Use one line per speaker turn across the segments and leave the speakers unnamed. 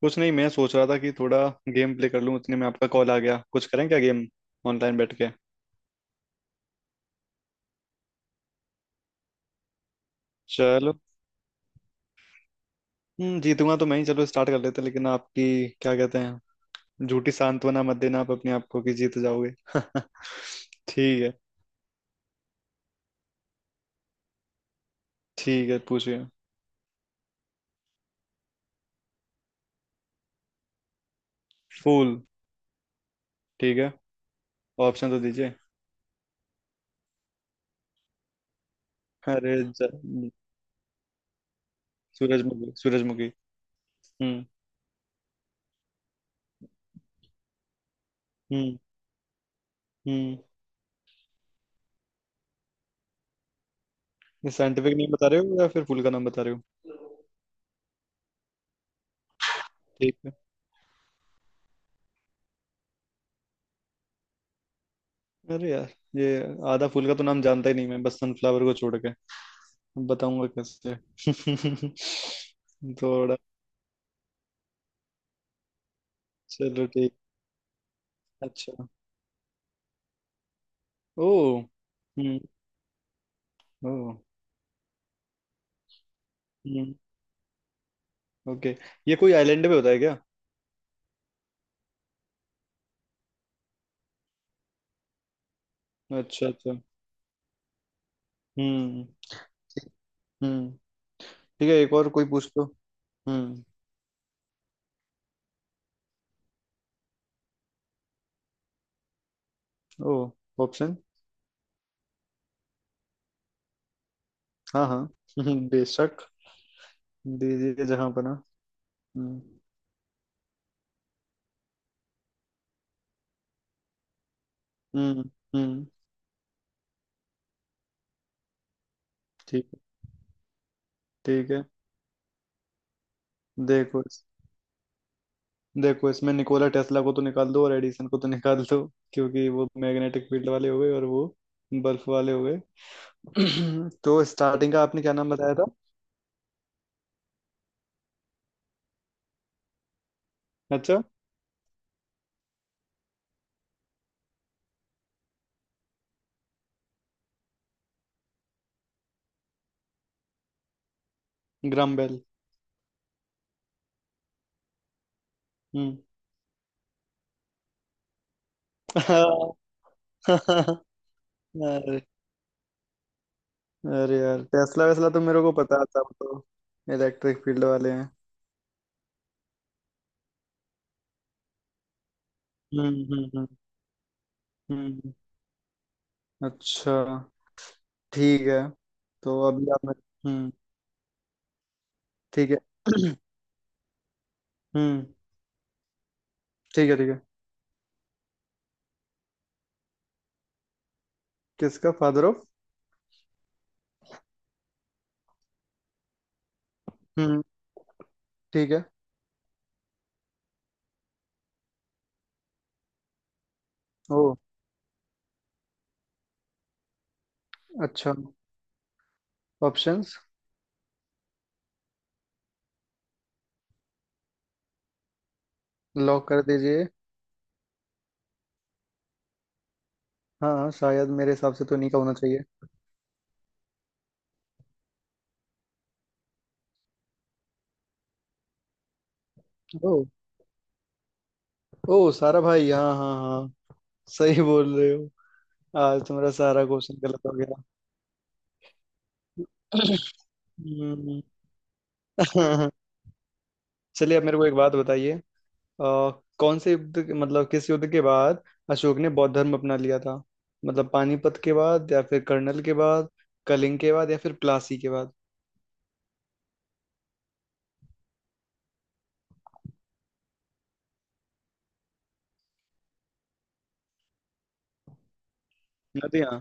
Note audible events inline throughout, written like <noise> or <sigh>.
कुछ नहीं। मैं सोच रहा था कि थोड़ा गेम प्ले कर लूं, उतने में आपका कॉल आ गया। कुछ करें क्या, गेम ऑनलाइन बैठ के? चलो। हम्म, जीतूंगा तो मैं ही। चलो स्टार्ट कर लेते हैं, लेकिन आपकी क्या कहते हैं, झूठी सांत्वना मत देना आप अपने आप को कि जीत जाओगे <laughs> ठीक है। ठीक है, पूछिए। फूल। ठीक है। ऑप्शन तो दीजिए। अरे ज- सूरजमुखी सूरजमुखी। हम्म हम्म हम्म। साइंटिफिक नेम बता रहे हो या फिर फूल का नाम बता रहे हो? ठीक है। अरे यार, ये आधा फूल का तो नाम जानता ही नहीं मैं, बस सनफ्लावर को छोड़ के बताऊंगा कैसे <laughs> थोड़ा चलो ठीक। अच्छा। ओ। हम्म। ओ। हम्म। ओके। ये कोई आइलैंड पे होता है क्या? अच्छा अच्छा। हम्म। हम्म। ठीक है, एक और कोई पूछ लो। हम्म। ओ। ऑप्शन। हाँ हाँ। <laughs> बेशक। दीजिए जहाँ बना। हम्म हम्म हम्म। ठीक है। ठीक है। देखो इस- देखो इसमें निकोला टेस्ला को तो निकाल दो और एडिसन को तो <laughs> निकाल दो, क्योंकि वो मैग्नेटिक फील्ड वाले हो गए और वो बल्ब वाले हो गए। <clears throat> तो स्टार्टिंग का आपने क्या नाम बताया था? अच्छा। Graham Bell. हम्म। <laughs> अरे। अरे यार, टेस्ला वेस्ला तो मेरे को पता था, वो तो इलेक्ट्रिक फील्ड वाले हैं। हम्म। हम्म। अच्छा। ठीक है। तो अभी आप। हम्म। ठीक है। <clears throat> हम्म। ठीक है। ठीक है। किसका फादर ऑफ? हम्म। ठीक है। ओ। अच्छा। ऑप्शंस। लॉक कर दीजिए। हाँ हाँ, शायद मेरे हिसाब से तो नहीं का होना चाहिए। ओ। ओ सारा भाई, हाँ हाँ हाँ। सही बोल रहे हो। आज तुम्हारा सारा क्वेश्चन गलत हो गया। हम्म, <laughs> चलिए अब मेरे को एक बात बताइए। अ, कौन से मतलब किस युद्ध के बाद अशोक ने बौद्ध धर्म अपना लिया था? मतलब पानीपत के बाद या फिर कर्नल के बाद, कलिंग के बाद या फिर प्लासी के बाद? नदियाँ।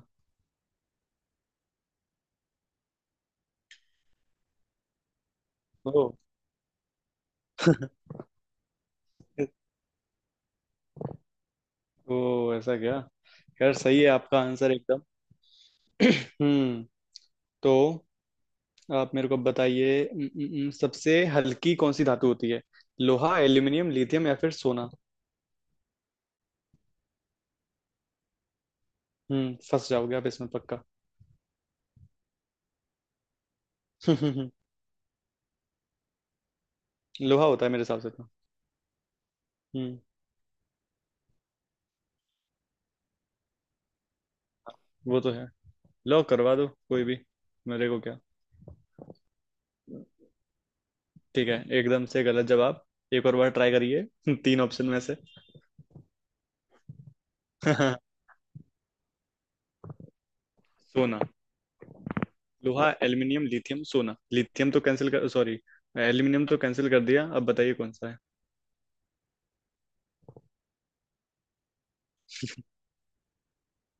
ओ। <laughs> ओ ऐसा क्या। यार सही है आपका आंसर एकदम। <clears throat> हम्म। तो आप मेरे को बताइए, सबसे हल्की कौन सी धातु होती है? लोहा, एल्यूमिनियम, लिथियम या फिर सोना। हम्म, फंस जाओगे आप इसमें पक्का। <laughs> लोहा होता है मेरे हिसाब से तो। हम्म। वो तो है। लो करवा दो कोई भी, मेरे को क्या। ठीक है, एकदम से गलत जवाब। एक और बार ट्राई करिए <laughs> तीन ऑप्शन में से। <laughs> सोना। लोहा, एल्यूमिनियम, लिथियम, सोना। लिथियम तो कैंसिल कर, सॉरी एल्यूमिनियम तो कैंसिल कर दिया, अब बताइए कौन सा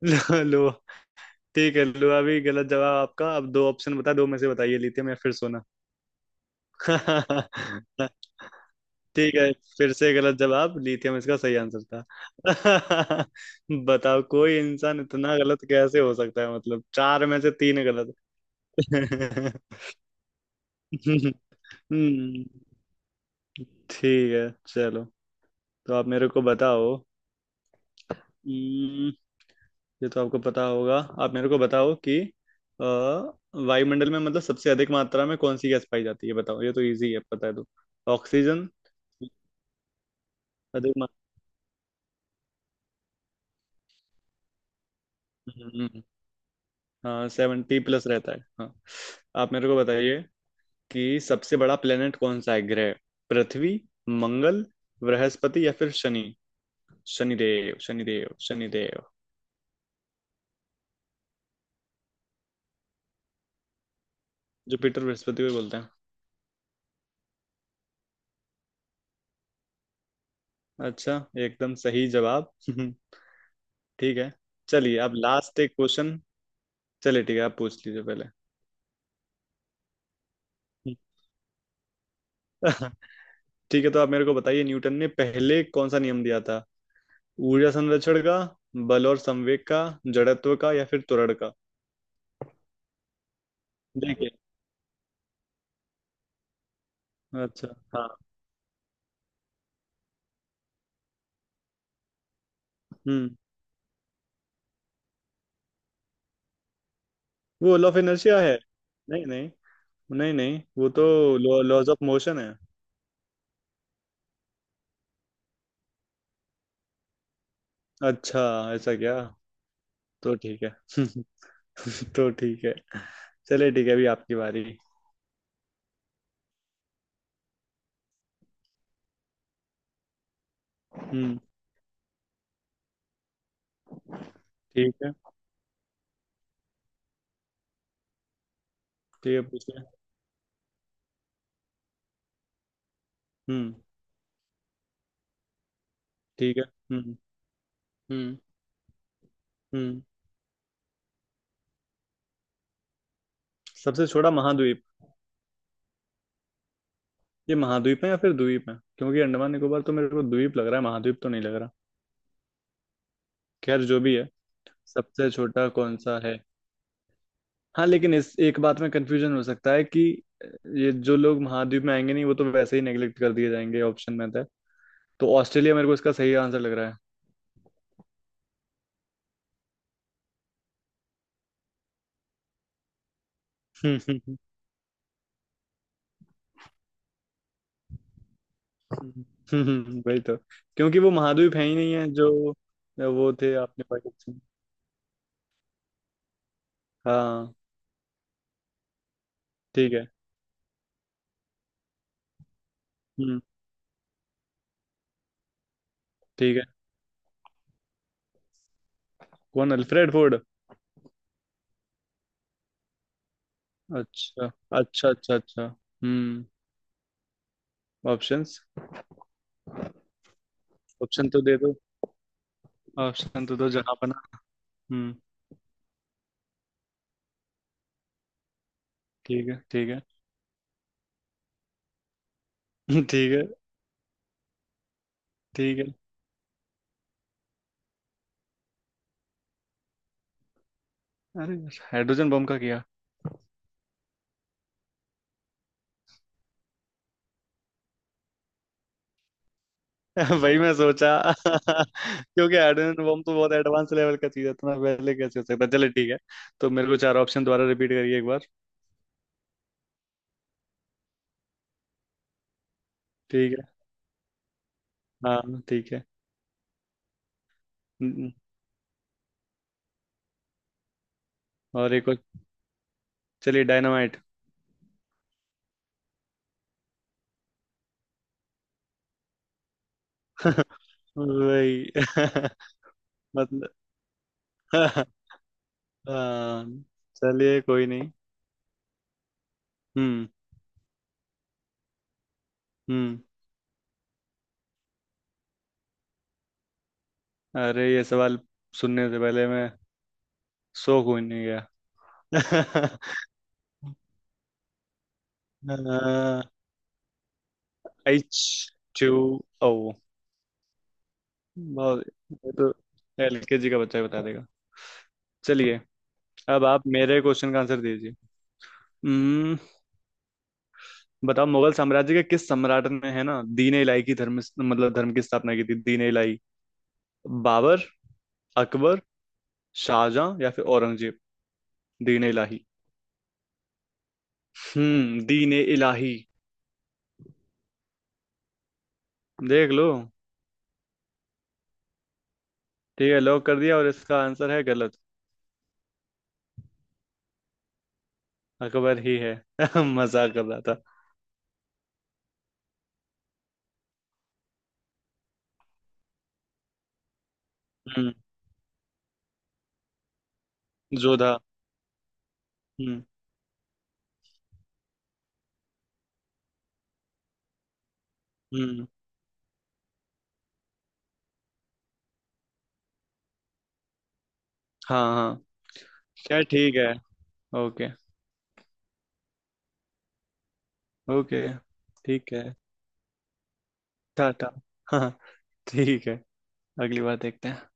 है। <laughs> लोहा। ठीक है, लो अभी गलत जवाब आपका। अब दो ऑप्शन बता दो में से बताइए, लिथियम या फिर सोना। <laughs> ठीक है, फिर से गलत जवाब। लिथियम इसका सही आंसर था। <laughs> बताओ कोई इंसान इतना गलत कैसे हो सकता है, मतलब चार में से तीन गलत। <laughs> हम्म, ठीक है। चलो। तो आप मेरे को बताओ। हम्म, ये तो आपको पता होगा। आप मेरे को बताओ कि अ, वायुमंडल में मतलब सबसे अधिक मात्रा में कौन सी गैस पाई जाती है, बताओ ये तो इजी है पता है तो। ऑक्सीजन। अधिक मात्रा। हाँ, सेवेंटी प्लस रहता है, हाँ। आप मेरे को बताइए कि सबसे बड़ा प्लेनेट कौन सा है ग्रह? पृथ्वी, मंगल, बृहस्पति या फिर शनि। शनिदेव शनिदेव शनिदेव। जुपिटर बृहस्पति को बोलते हैं। अच्छा। एकदम सही जवाब <laughs> ठीक है। चलिए, अब लास्ट एक क्वेश्चन। चलिए ठीक है, आप पूछ लीजिए पहले। <laughs> ठीक है, तो आप मेरे को बताइए न्यूटन ने पहले कौन सा नियम दिया था? ऊर्जा संरक्षण का, बल और संवेग का, जड़त्व का या फिर त्वरण का? देखिए। अच्छा। हाँ। हम्म। वो लॉ ऑफ इनर्शिया है। नहीं नहीं। नहीं नहीं वो तो लॉज ऑफ मोशन है। अच्छा, ऐसा क्या। तो ठीक है। <laughs> तो ठीक है। चलिए ठीक है, अभी आपकी बारी। हम्म। ठीक है। ठीक है, पूछिए। हम्म। ठीक है। हम्म। हम्म। हम्म। सबसे छोटा महाद्वीप? ये महाद्वीप है या फिर द्वीप है, क्योंकि अंडमान निकोबार तो मेरे को द्वीप लग रहा है महाद्वीप तो नहीं लग रहा। खैर जो भी है, सबसे छोटा कौन सा है। हाँ लेकिन इस एक बात में कंफ्यूजन हो सकता है कि ये जो लोग महाद्वीप में आएंगे नहीं, वो तो वैसे ही नेग्लेक्ट कर दिए जाएंगे, ऑप्शन में था तो ऑस्ट्रेलिया मेरे को इसका सही आंसर लग रहा है। <laughs> वही तो। क्योंकि वो महाद्वीप है ही नहीं है जो। वो थे आपने पाकिस्तान। हाँ। ठीक है। हम्म। ठीक है। कौन, अल्फ्रेड फोर्ड? अच्छा अच्छा अच्छा। अच्छा। हम्म। ऑप्शंस। ऑप्शन तो दे दो। ऑप्शन तो दो जहाँ बना। हम्म। ठीक है। ठीक है। <laughs> ठीक है। ठीक है। अरे। हाइड्रोजन बम का किया। <laughs> वही मैं सोचा। <laughs> क्योंकि हाइड्रोजन बम तो बहुत एडवांस लेवल का चीज है, इतना पहले कैसे हो सकता है। चलो ठीक है। तो मेरे को चार ऑप्शन दोबारा रिपीट करिए एक बार। ठीक है। हाँ ठीक है। हम्म, हम्म। और एक और। चलिए, डायनामाइट। <laughs> वही। <laughs> मतलब। <laughs> हाँ। चलिए कोई नहीं। हम्म। हम्म। अरे ये सवाल सुनने से पहले मैं। So konuya. H <laughs> two O. बहुत। ये तो एलकेजी का बच्चा ही बता देगा। चलिए। अब आप मेरे क्वेश्चन का आंसर दीजिए। हम्म। बताओ मुगल साम्राज्य के किस सम्राट ने है ना दीन इलाही की धर्म मतलब धर्म की स्थापना की थी, दीन इलाही? बाबर, अकबर, शाहजहां या फिर औरंगजेब। दीन इलाही। हम्म, दीन इलाही। देख लो। ठीक है, लॉक कर दिया और इसका आंसर है गलत। अकबर ही है, <laughs> मजाक कर रहा था। हम्म, जोधा। हम्म। हम्म। हाँ हाँ। क्या, ठीक है। ओके। ओके। ठीक है। टाटा। हाँ। ठीक है। अगली बार देखते हैं।